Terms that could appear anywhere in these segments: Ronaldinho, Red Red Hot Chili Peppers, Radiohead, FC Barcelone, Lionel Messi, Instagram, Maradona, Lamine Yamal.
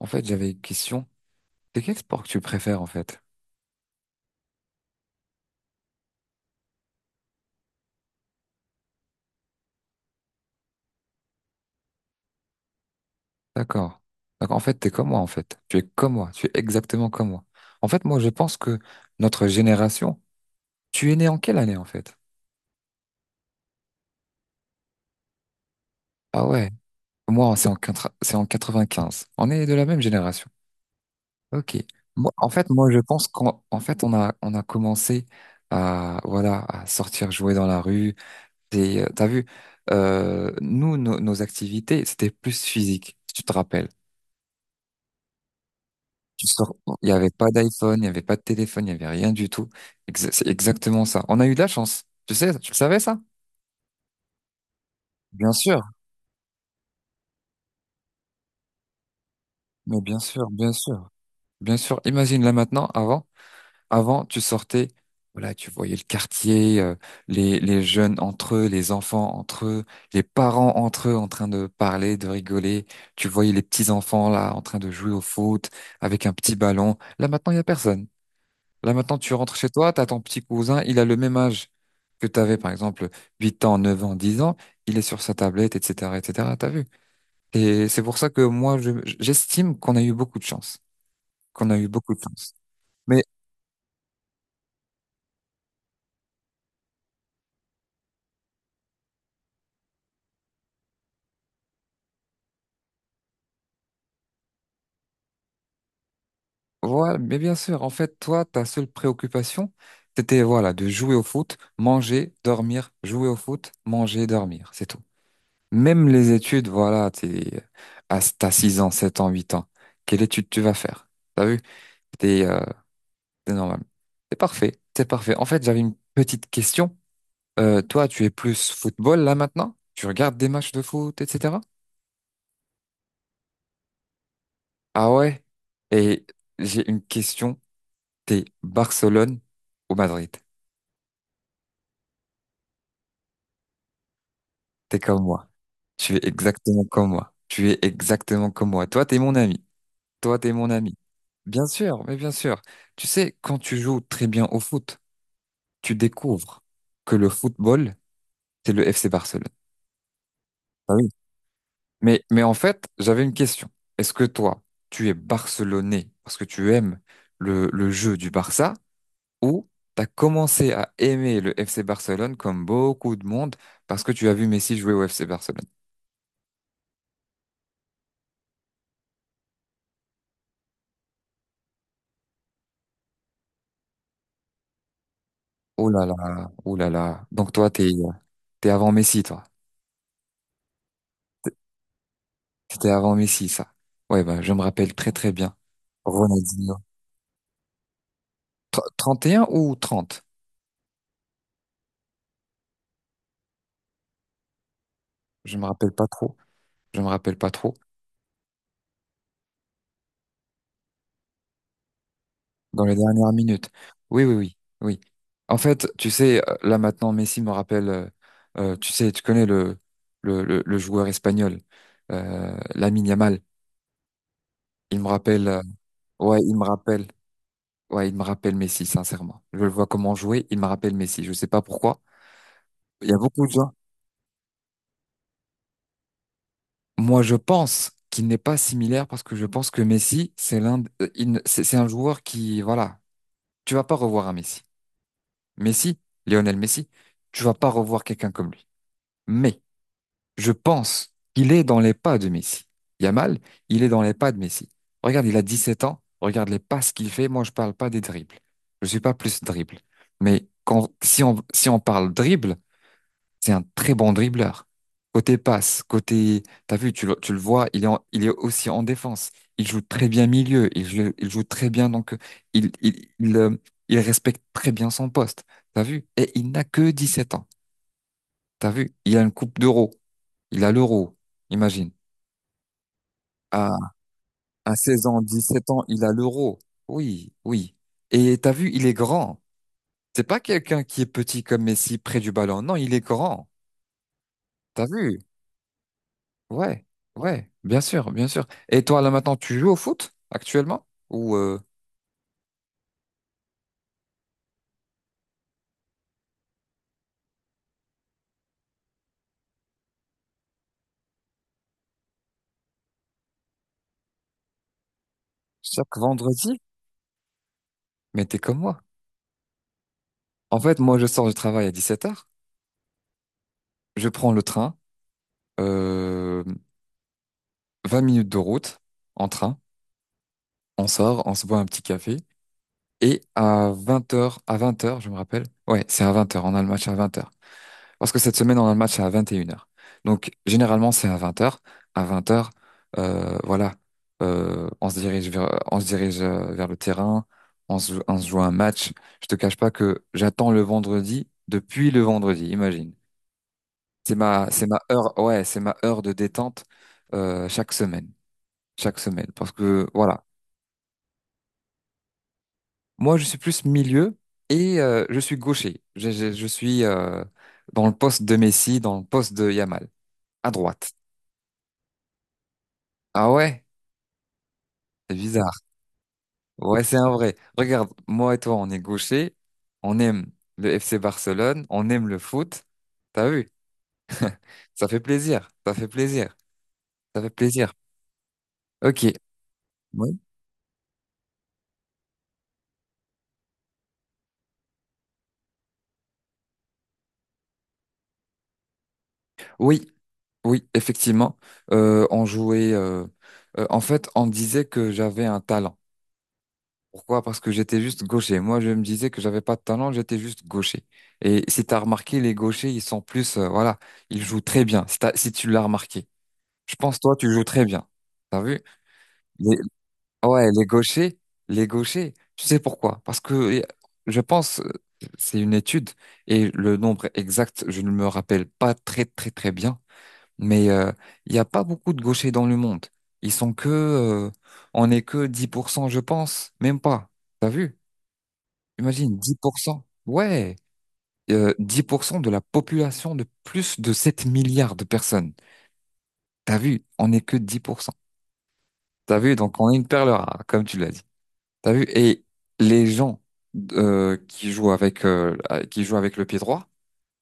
En fait, j'avais une question. C'est quel sport que tu préfères, en fait? D'accord. Donc, en fait, t'es comme moi, en fait. Tu es comme moi. Tu es exactement comme moi. En fait, moi, je pense que notre génération, tu es né en quelle année, en fait? Ah ouais. Moi, c'est en, c'est en 95. On est de la même génération. Ok. Moi, en fait, moi, je pense qu'en en fait, on a commencé à, voilà, à sortir jouer dans la rue. Et, t'as vu, nous, nos activités, c'était plus physique, si tu te rappelles. Tu sors, il n'y avait pas d'iPhone, il n'y avait pas de téléphone, il n'y avait rien du tout. C'est exactement ça. On a eu de la chance. Tu sais, tu le savais ça? Bien sûr, mais bien sûr, bien sûr, bien sûr. Imagine là maintenant, avant, avant, tu sortais, voilà, tu voyais le quartier, les jeunes entre eux, les enfants entre eux, les parents entre eux en train de parler, de rigoler. Tu voyais les petits enfants là en train de jouer au foot avec un petit ballon. Là maintenant, il y a personne. Là maintenant, tu rentres chez toi, tu as ton petit cousin, il a le même âge que tu avais, par exemple, 8 ans, 9 ans, 10 ans, il est sur sa tablette, etc., etc., t'as vu? Et c'est pour ça que moi, j'estime qu'on a eu beaucoup de chance, qu'on a eu beaucoup de chance. Mais voilà, mais bien sûr, en fait, toi, ta seule préoccupation, c'était, voilà, de jouer au foot, manger, dormir, jouer au foot, manger, dormir, c'est tout. Même les études, voilà, t'es, à, t'as 6 ans, 7 ans, 8 ans, quelle étude tu vas faire? T'as vu? C'est normal. C'est parfait. C'est parfait. En fait, j'avais une petite question. Toi, tu es plus football là maintenant? Tu regardes des matchs de foot, etc. Ah ouais. Et j'ai une question. T'es Barcelone ou Madrid? T'es comme moi. Tu es exactement comme moi. Tu es exactement comme moi. Toi, t'es mon ami. Toi, t'es mon ami. Bien sûr, mais bien sûr. Tu sais, quand tu joues très bien au foot, tu découvres que le football, c'est le FC Barcelone. Ah oui. Mais en fait, j'avais une question. Est-ce que toi, tu es barcelonais parce que tu aimes le jeu du Barça ou t'as commencé à aimer le FC Barcelone comme beaucoup de monde parce que tu as vu Messi jouer au FC Barcelone? Oh là là, oh là là. Donc toi, t'es, t'es avant Messi, toi. C'était avant Messi, ça. Ouais, bah, je me rappelle très très bien. Ronaldinho. Trente et un ou trente. Je me rappelle pas trop. Je me rappelle pas trop. Dans les dernières minutes. Oui, oui, oui, oui. En fait, tu sais, là maintenant, Messi me rappelle, tu sais, tu connais le joueur espagnol, Lamine Yamal. Il me rappelle, ouais, il me rappelle, ouais, il me rappelle Messi, sincèrement. Je le vois comment jouer, il me rappelle Messi. Je sais pas pourquoi. Il y a beaucoup de gens. Moi, je pense qu'il n'est pas similaire parce que je pense que Messi, c'est l'un, de- il ne- c'est un joueur qui, voilà, tu vas pas revoir un Messi. Messi, Lionel Messi, tu vas pas revoir quelqu'un comme lui. Mais je pense qu'il est dans les pas de Messi. Yamal, il est dans les pas de Messi. Regarde, il a 17 ans. Regarde les passes qu'il fait. Moi, je parle pas des dribbles. Je suis pas plus dribble. Mais quand, si on parle dribble, c'est un très bon dribbleur. Côté passe, côté, t'as vu, tu le vois, il est, il est aussi en défense. Il joue très bien milieu. Il joue très bien, donc, il, il, il, euh, il respecte très bien son poste. T'as vu? Et il n'a que 17 ans. T'as vu? Il a une coupe d'euro. Il a l'euro. Imagine. À, à 16 ans, sept ans, il a l'euro. Oui, oui. Et t'as vu, il est grand. C'est pas quelqu'un qui est petit comme Messi près du ballon. Non, il est grand. T'as vu? Ouais, ouais, bien sûr, bien sûr. Et toi, là maintenant, tu joues au foot actuellement? Ou chaque vendredi? Mais t'es comme moi. En fait, moi, je sors du travail à dix-sept heures. Je prends le train. Euh, 20 minutes de route en train. On sort, on se boit un petit café. Et à vingt heures, je me rappelle. Ouais, c'est à vingt heures. On a le match à vingt heures. Parce que cette semaine, on a le match à 21 h. Donc, généralement, c'est à 20 h. À 20 h, voilà, on se dirige vers, on se dirige vers le terrain, on se joue un match. Je te cache pas que j'attends le vendredi depuis le vendredi, imagine. C'est ma heure, ouais, c'est ma heure de détente chaque semaine, chaque semaine. Parce que voilà, moi, je suis plus milieu et je suis gaucher. Je suis dans le poste de Messi, dans le poste de Yamal, à droite. Ah ouais? C'est bizarre. Ouais, c'est un vrai. Regarde, moi et toi, on est gauchers, on aime le FC Barcelone, on aime le foot. T'as vu? Ça fait plaisir, ça fait plaisir, ça fait plaisir. Ok. Oui. Oui, oui, effectivement. On jouait. En fait, on disait que j'avais un talent. Pourquoi? Parce que j'étais juste gaucher. Moi, je me disais que j'avais pas de talent, j'étais juste gaucher. Et si t'as remarqué, les gauchers, ils sont plus, voilà, ils jouent très bien. Si tu l'as remarqué, je pense toi, tu joues très bien. T'as vu? Ouais, les gauchers, tu sais pourquoi? Parce que je pense, euh, c'est une étude et le nombre exact, je ne me rappelle pas très très très bien, mais il n'y a pas beaucoup de gauchers dans le monde. Ils sont que, euh, on n'est que 10%, je pense, même pas. T'as vu? Imagine, dix pour cent. Ouais, 10% de la population de plus de 7 milliards de personnes. T'as vu? On n'est que 10%. T'as vu? Donc on est une perle rare, comme tu l'as dit. T'as vu? Et les gens euh, qui jouent avec euh, qui jouent avec le pied droit,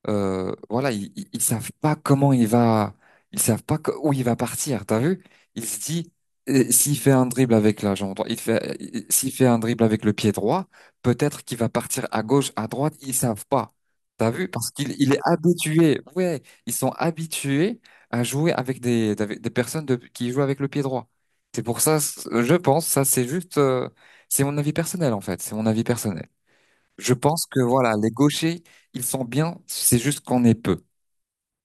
voilà, ils savent pas comment il va, ils savent pas co- où il va partir. T'as vu? Il se dit, s'il fait un dribble avec la jambe droite, s'il fait un dribble avec le pied droit, peut-être qu'il va partir à gauche, à droite. Ils savent pas. T'as vu? Il est habitué. Ouais, ils sont habitués à jouer avec avec des qui jouent avec le pied droit. C'est pour ça, je pense, ça c'est juste, c'est mon avis personnel en fait. C'est mon avis personnel. Je pense que voilà, les gauchers, ils sont bien, c'est juste qu'on est peu.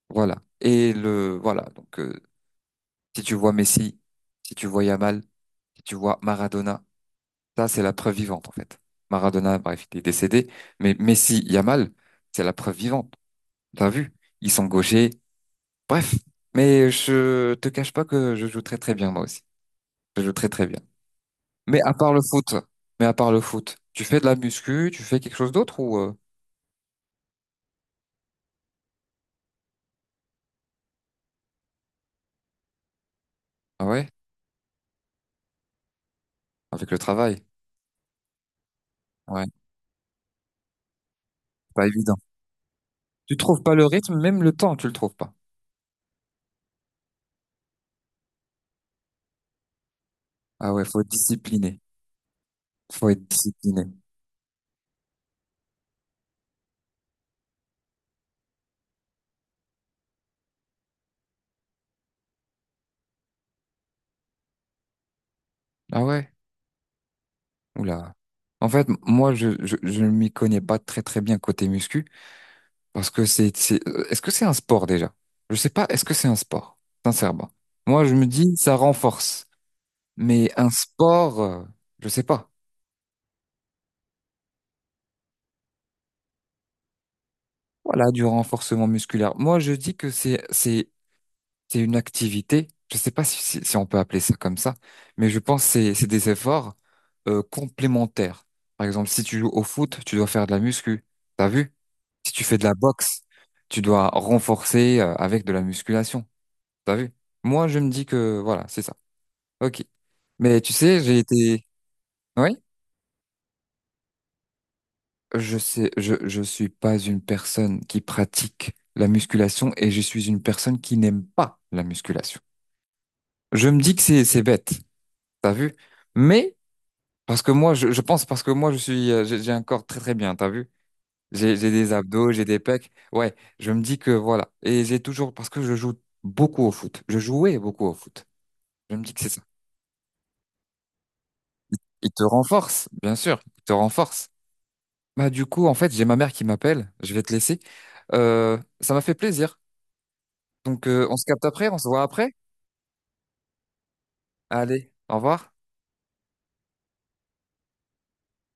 Voilà. Et le voilà, donc si tu vois Messi, si tu vois Yamal, si tu vois Maradona, ça c'est la preuve vivante en fait. Maradona, bref, il est décédé, mais Messi, Yamal, c'est la preuve vivante. T'as vu? Ils sont gauchers. Bref, mais je te cache pas que je joue très très bien moi aussi. Je joue très très bien. Mais à part le foot, mais à part le foot, tu fais de la muscu, tu fais quelque chose d'autre ou ah ouais, avec le travail. Ouais, c'est pas évident. Tu trouves pas le rythme, même le temps, tu le trouves pas. Ah ouais, faut être discipliné. Faut être discipliné. Ah ouais? Oula. En fait, moi, je ne m'y connais pas très très bien côté muscu, parce que est-ce que c'est un sport déjà? Je sais pas, est-ce que c'est un sport? Sincèrement. Moi, je me dis, ça renforce. Mais un sport, je sais pas. Voilà, du renforcement musculaire. Moi, je dis que c'est une activité. Je ne sais pas si on peut appeler ça comme ça, mais je pense que c'est des efforts complémentaires. Par exemple, si tu joues au foot, tu dois faire de la muscu. T'as vu? Si tu fais de la boxe, tu dois renforcer avec de la musculation. T'as vu? Moi, je me dis que voilà, c'est ça. Ok. Mais tu sais, j'ai été. Oui, je sais, je suis pas une personne qui pratique la musculation et je suis une personne qui n'aime pas la musculation. Je me dis que c'est bête. T'as vu? Mais parce que moi, je suis, j'ai un corps très très bien, t'as vu? J'ai des abdos, j'ai des pecs. Ouais, je me dis que voilà. Et j'ai toujours, parce que je joue beaucoup au foot. Je jouais beaucoup au foot. Je me dis que c'est ça. Il te renforce, bien sûr. Il te renforce. Bah, du coup, en fait, j'ai ma mère qui m'appelle. Je vais te laisser. Ça m'a fait plaisir. Donc, on se capte après, on se voit après. Allez, au revoir.